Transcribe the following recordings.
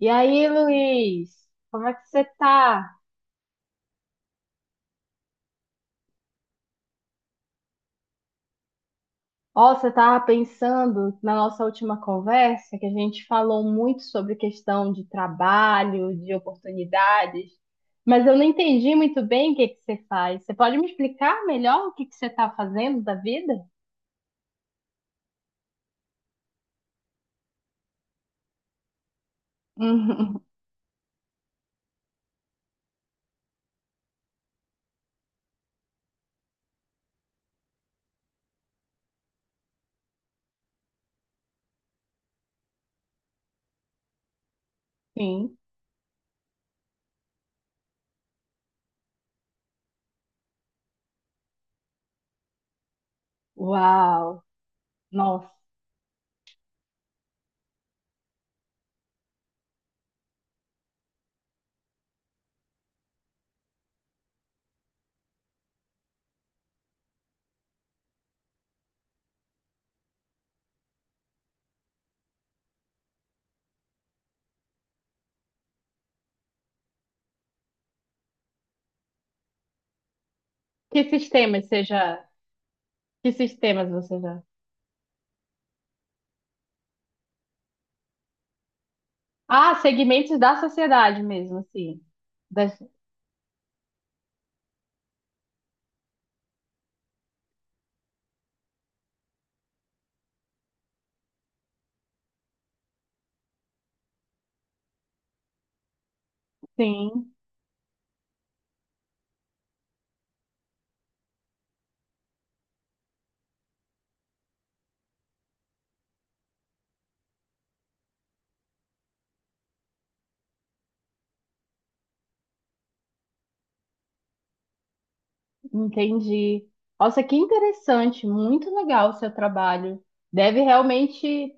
E aí, Luiz, como é que você tá? Ó, você tava pensando na nossa última conversa que a gente falou muito sobre questão de trabalho, de oportunidades, mas eu não entendi muito bem o que que você faz. Você pode me explicar melhor o que que você tá fazendo da vida? Uhum. Sim. Uau! Nossa, que sistemas você já... Que sistemas você já... Ah, segmentos da sociedade mesmo, assim. Das... Sim. Entendi. Nossa, que interessante, muito legal o seu trabalho. Deve realmente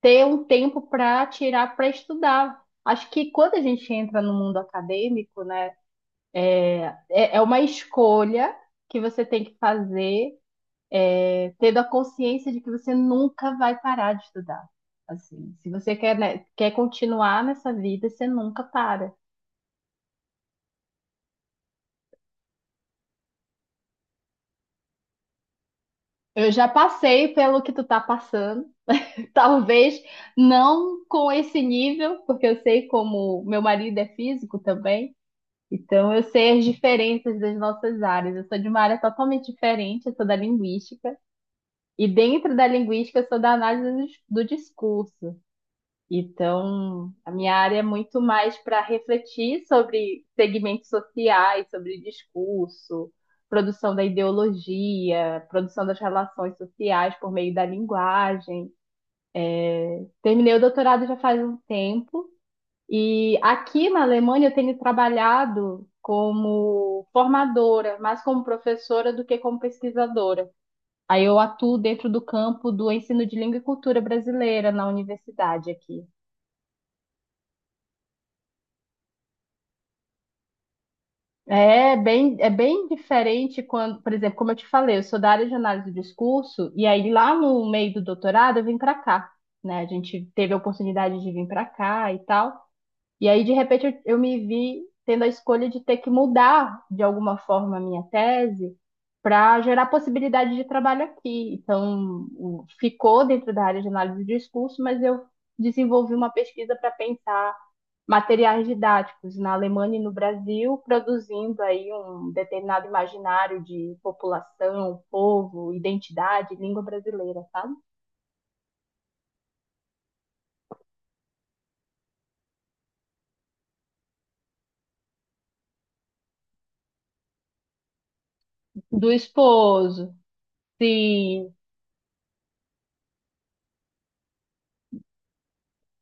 ter um tempo para tirar para estudar. Acho que quando a gente entra no mundo acadêmico, né, é uma escolha que você tem que fazer, tendo a consciência de que você nunca vai parar de estudar. Assim, se você quer, né, quer continuar nessa vida, você nunca para. Eu já passei pelo que tu tá passando. Talvez não com esse nível, porque eu sei como meu marido é físico também, então eu sei as diferenças das nossas áreas. Eu sou de uma área totalmente diferente, eu sou da linguística, e dentro da linguística eu sou da análise do do discurso. Então, a minha área é muito mais para refletir sobre segmentos sociais, sobre discurso, produção da ideologia, produção das relações sociais por meio da linguagem. Terminei o doutorado já faz um tempo e aqui na Alemanha eu tenho trabalhado como formadora, mais como professora do que como pesquisadora. Aí eu atuo dentro do campo do ensino de língua e cultura brasileira na universidade aqui. É bem diferente quando, por exemplo, como eu te falei, eu sou da área de análise do discurso, e aí lá no meio do doutorado eu vim para cá, né? A gente teve a oportunidade de vir para cá e tal. E aí, de repente, eu me vi tendo a escolha de ter que mudar, de alguma forma, a minha tese para gerar possibilidade de trabalho aqui. Então, ficou dentro da área de análise de discurso, mas eu desenvolvi uma pesquisa para pensar materiais didáticos na Alemanha e no Brasil, produzindo aí um determinado imaginário de população, povo, identidade, língua brasileira, sabe? Do esposo, sim.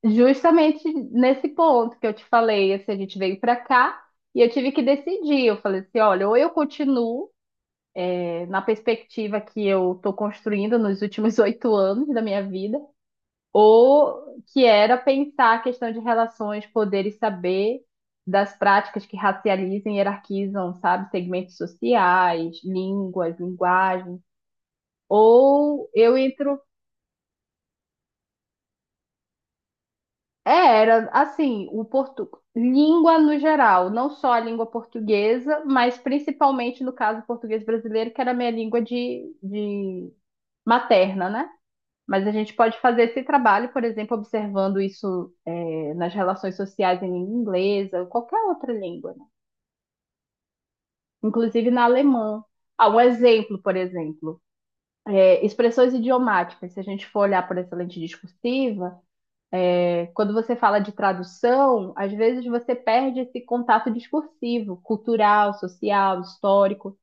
Justamente nesse ponto que eu te falei, assim, a gente veio para cá e eu tive que decidir. Eu falei assim, olha, ou eu continuo na perspectiva que eu estou construindo nos últimos 8 anos da minha vida, ou que era pensar a questão de relações, poder e saber das práticas que racializam e hierarquizam, sabe, segmentos sociais, línguas, linguagens. Ou eu entro... É, era assim, o portu... língua no geral, não só a língua portuguesa, mas principalmente no caso o português brasileiro, que era a minha língua de materna, né? Mas a gente pode fazer esse trabalho, por exemplo, observando isso nas relações sociais em língua inglesa, ou qualquer outra língua, né? Inclusive na alemã. Ah, um exemplo, por exemplo, expressões idiomáticas. Se a gente for olhar por essa lente discursiva, quando você fala de tradução, às vezes você perde esse contato discursivo, cultural, social, histórico,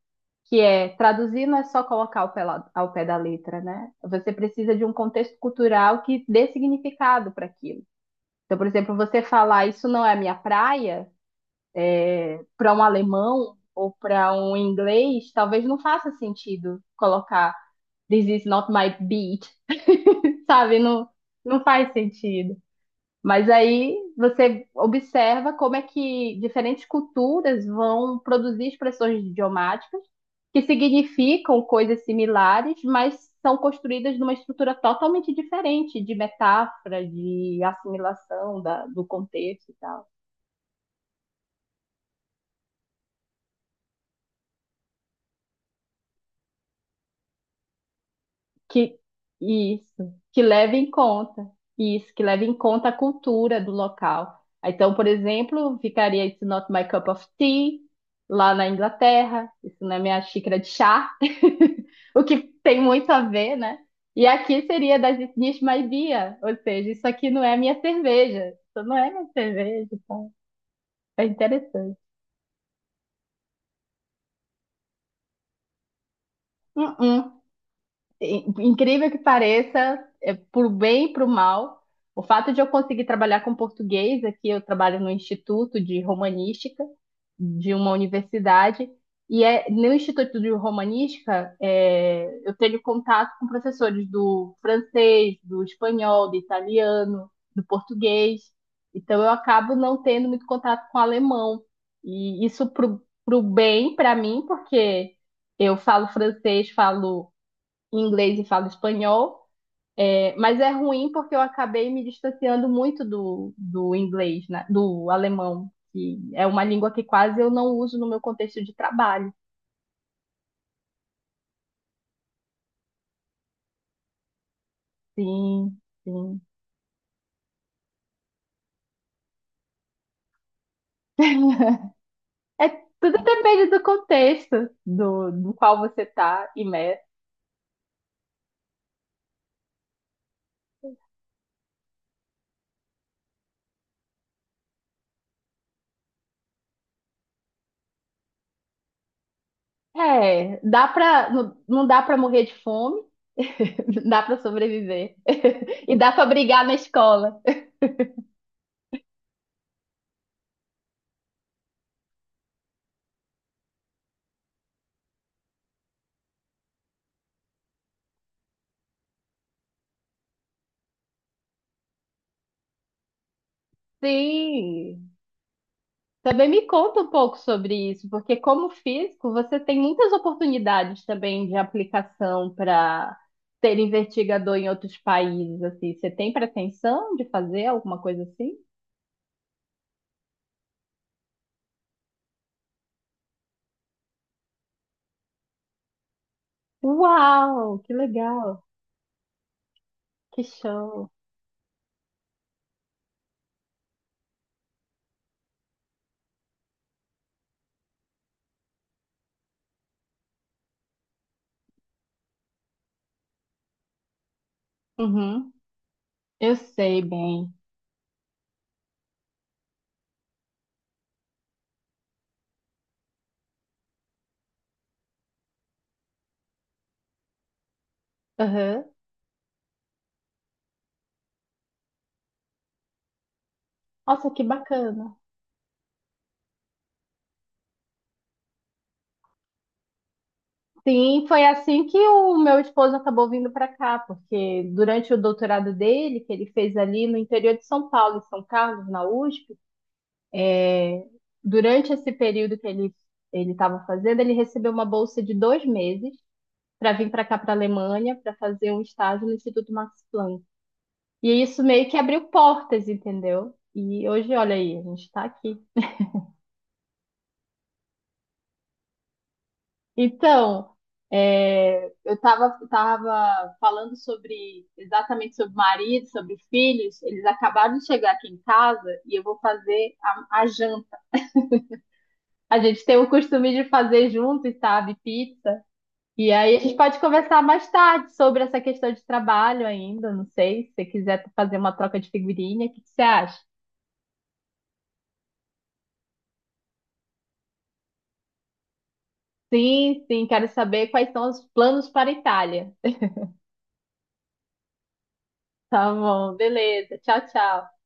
que é, traduzir não é só colocar ao pé da letra, né? Você precisa de um contexto cultural que dê significado para aquilo. Então, por exemplo, você falar "isso não é minha praia", para um alemão ou para um inglês, talvez não faça sentido colocar "this is not my beat", sabe? Não, não faz sentido. Mas aí você observa como é que diferentes culturas vão produzir expressões idiomáticas que significam coisas similares, mas são construídas numa estrutura totalmente diferente de metáfora, de assimilação do contexto e tal. Que isso, que leve em conta, Isso, que leve em conta a cultura do local. Então, por exemplo, ficaria "It's not my cup of tea" lá na Inglaterra, isso não é minha xícara de chá, o que tem muito a ver, né? E aqui seria das "It's not my beer", ou seja, isso aqui não é minha cerveja, isso não é minha cerveja, então é interessante. Uh-uh. Incrível que pareça, é, por bem e por mal, o fato de eu conseguir trabalhar com português aqui, eu trabalho no Instituto de Romanística de uma universidade, e no Instituto de Romanística, eu tenho contato com professores do francês, do espanhol, do italiano, do português, então eu acabo não tendo muito contato com alemão, e isso pro bem para mim, porque eu falo francês, falo inglês e falo espanhol. É, mas é ruim porque eu acabei me distanciando muito do inglês, né? Do alemão, que é uma língua que quase eu não uso no meu contexto de trabalho. Sim, sim. É, tudo depende do contexto do qual você tá imerso. É, dá pra, não, não dá pra morrer de fome, dá pra sobreviver. E dá pra brigar na escola. Sim, também me conta um pouco sobre isso, porque como físico, você tem muitas oportunidades também de aplicação para ser investigador em outros países, assim. Você tem pretensão de fazer alguma coisa assim? Uau, que legal, que show. Uhum, eu sei bem. Uhum. Nossa, que bacana. Sim, foi assim que o meu esposo acabou vindo para cá, porque durante o doutorado dele, que ele fez ali no interior de São Paulo, em São Carlos, na USP. É, durante esse período que ele estava fazendo, ele recebeu uma bolsa de 2 meses para vir para cá, para a Alemanha, para fazer um estágio no Instituto Max Planck. E isso meio que abriu portas, entendeu? E hoje, olha aí, a gente está aqui. Então, eu estava tava tava falando sobre exatamente sobre o marido, sobre filhos. Eles acabaram de chegar aqui em casa e eu vou fazer a janta. A gente tem o costume de fazer juntos, sabe? Pizza. E aí a gente pode conversar mais tarde sobre essa questão de trabalho ainda, não sei, se você quiser fazer uma troca de figurinha, o que que você acha? Sim, sim, quero saber quais são os planos para a Itália. Tá bom, beleza. Tchau, tchau.